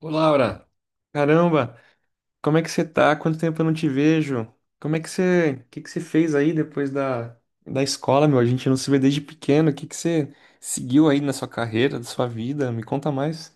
Ô Laura, caramba, como é que você tá? Quanto tempo eu não te vejo? Como é que você, o que que você fez aí depois da escola, meu? A gente não se vê desde pequeno. O que que você seguiu aí na sua carreira, na sua vida? Me conta mais.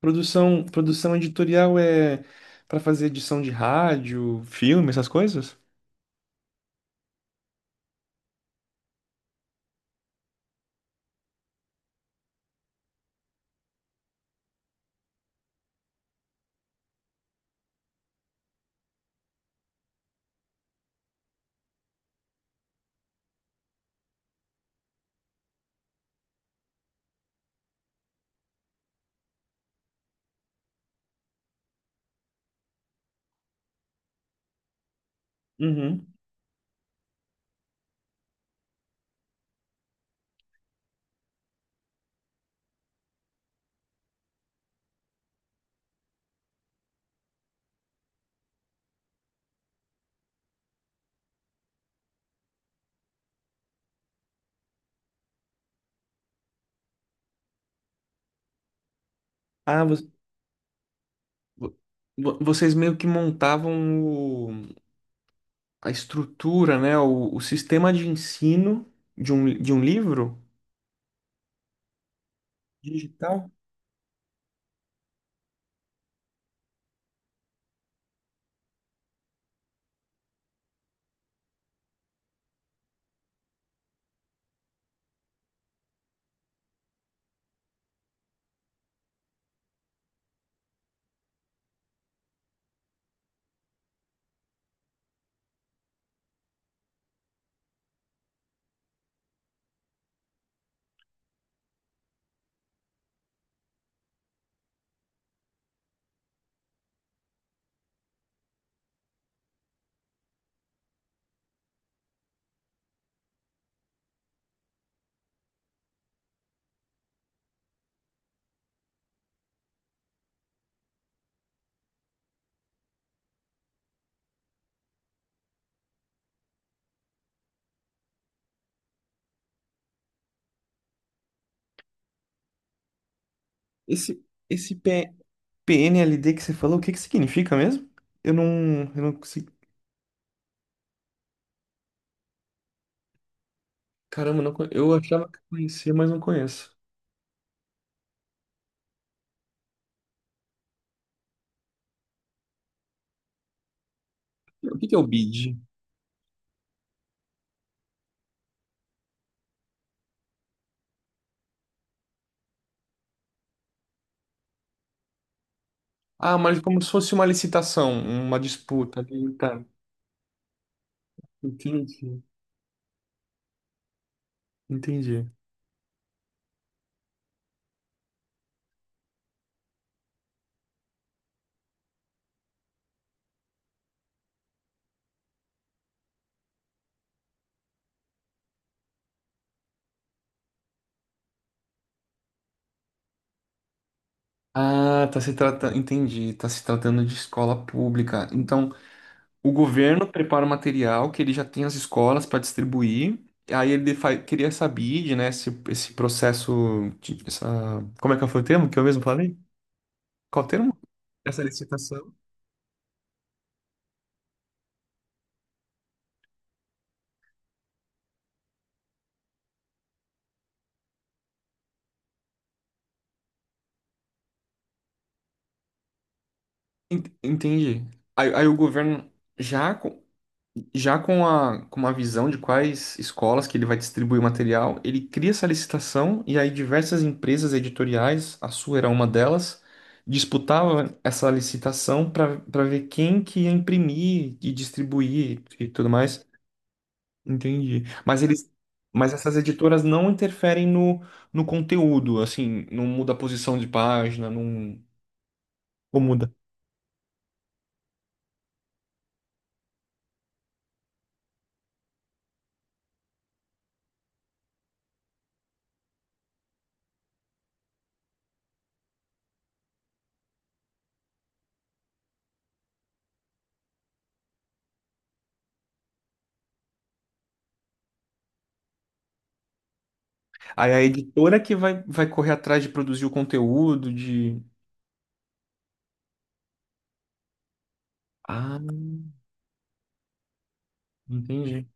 Produção editorial é pra fazer edição de rádio, filme, essas coisas? Uhum. Ah, vo- vo- vocês meio que montavam o- a estrutura, né? O sistema de ensino de um livro digital? Esse, esse P- PNLD, que você falou, o que que significa mesmo? Eu não, eu não consigo. Caramba, não, eu achava que conhecia, mas não conheço. O que que é o BID? Ah, mas como se fosse uma licitação, uma disputa ali. Tá, entendi, entendi. Ah, tá se tratando de escola pública. Então, o governo prepara o material que ele já tem as escolas para distribuir. Aí ele queria essa BID, né? Esse processo, como é que foi o termo que eu mesmo falei? Qual o termo? Essa licitação. Entendi. Aí o governo já com, já com a com uma visão de quais escolas que ele vai distribuir o material, ele cria essa licitação e aí diversas empresas editoriais, a sua era uma delas, disputava essa licitação para ver quem que ia imprimir e distribuir e tudo mais. Entendi. Mas essas editoras não interferem no conteúdo, assim, não muda a posição de página, não, como aí a editora que vai, vai correr atrás de produzir o conteúdo, de. Ah, entendi.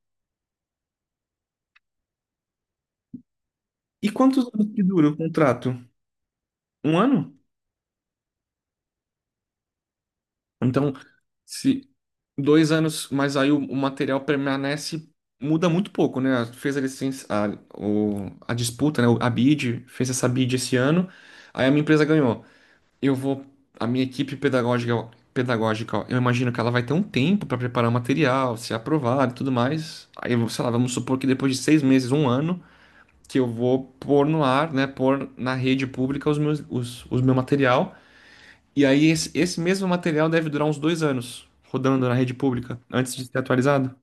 E quantos anos que dura o contrato? Um ano? Então, se dois anos, mas aí o material permanece, muda muito pouco, né? Fez a licença, a disputa, né? A bid, fez essa bid esse ano, aí a minha empresa ganhou. Eu vou, a minha equipe pedagógica, pedagógica, eu imagino que ela vai ter um tempo para preparar o material, ser aprovado e tudo mais. Aí, sei lá, vamos supor que depois de seis meses, um ano, que eu vou pôr no ar, né, pôr na rede pública os meus, os meu material. E aí esse mesmo material deve durar uns dois anos rodando na rede pública antes de ser atualizado,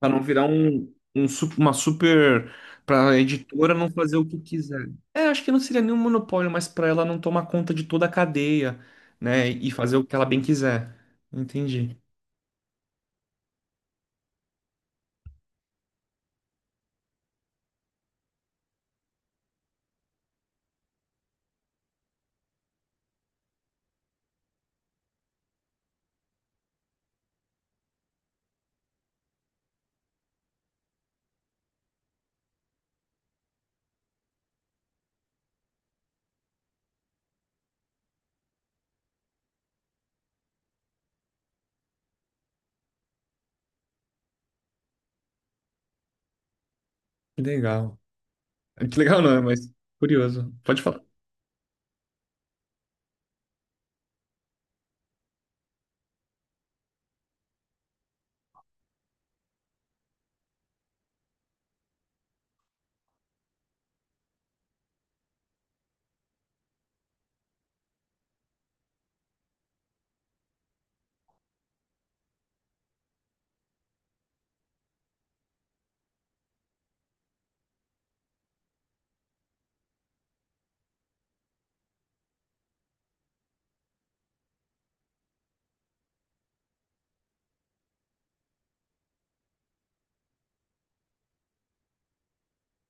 para não virar uma super, para a editora não fazer o que quiser. É, acho que não seria nenhum monopólio, mas para ela não tomar conta de toda a cadeia, né, e fazer o que ela bem quiser. Entendi. Que legal. Que legal não, mas curioso. Pode falar.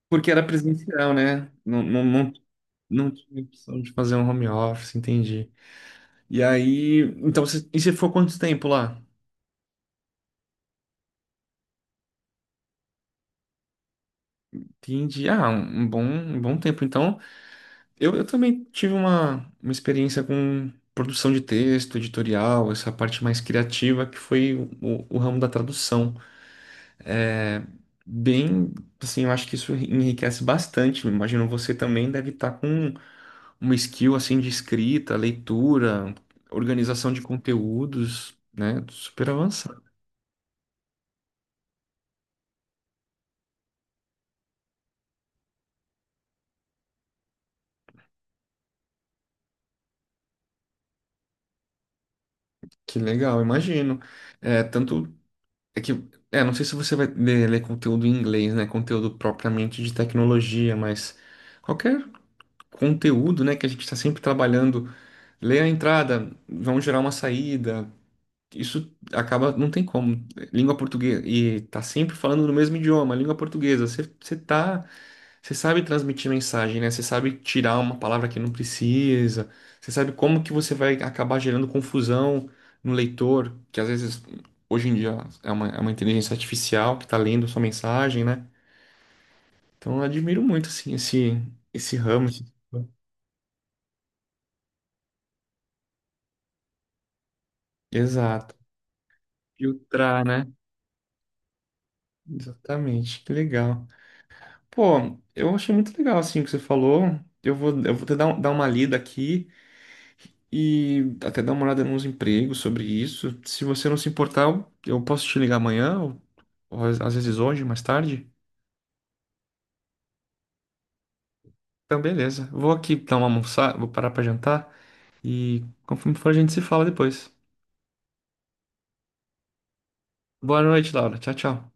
Porque era presencial, né? Não não tinha opção de fazer um home office, entendi. E aí, então, e você ficou quanto tempo lá? Entendi. Ah, um um bom tempo. Então, eu também tive uma experiência com produção de texto, editorial, essa parte mais criativa, que foi o ramo da tradução. Bem, assim, eu acho que isso enriquece bastante. Imagino você também deve estar com uma skill, assim, de escrita, leitura, organização de conteúdos, né? Super avançado. Que legal, imagino. É, tanto é que, é, não sei se você vai ler, ler conteúdo em inglês, né? Conteúdo propriamente de tecnologia, mas qualquer conteúdo, né, que a gente está sempre trabalhando, lê a entrada, vão gerar uma saída. Isso acaba, não tem como. Língua portuguesa, e tá sempre falando no mesmo idioma, língua portuguesa. Você sabe transmitir mensagem, né? Você sabe tirar uma palavra que não precisa. Você sabe como que você vai acabar gerando confusão no leitor, que às vezes hoje em dia é uma inteligência artificial que está lendo a sua mensagem, né? Então eu admiro muito assim esse ramo Exato. Filtrar, né? Exatamente. Que legal. Pô, eu achei muito legal assim o que você falou. Eu vou te dar, dar uma lida aqui e até dar uma olhada nos empregos sobre isso. Se você não se importar, eu posso te ligar amanhã, ou às vezes hoje, mais tarde. Então, beleza. Vou aqui dar uma almoçada, vou parar pra jantar e conforme for a gente se fala depois. Boa noite, Laura. Tchau, tchau.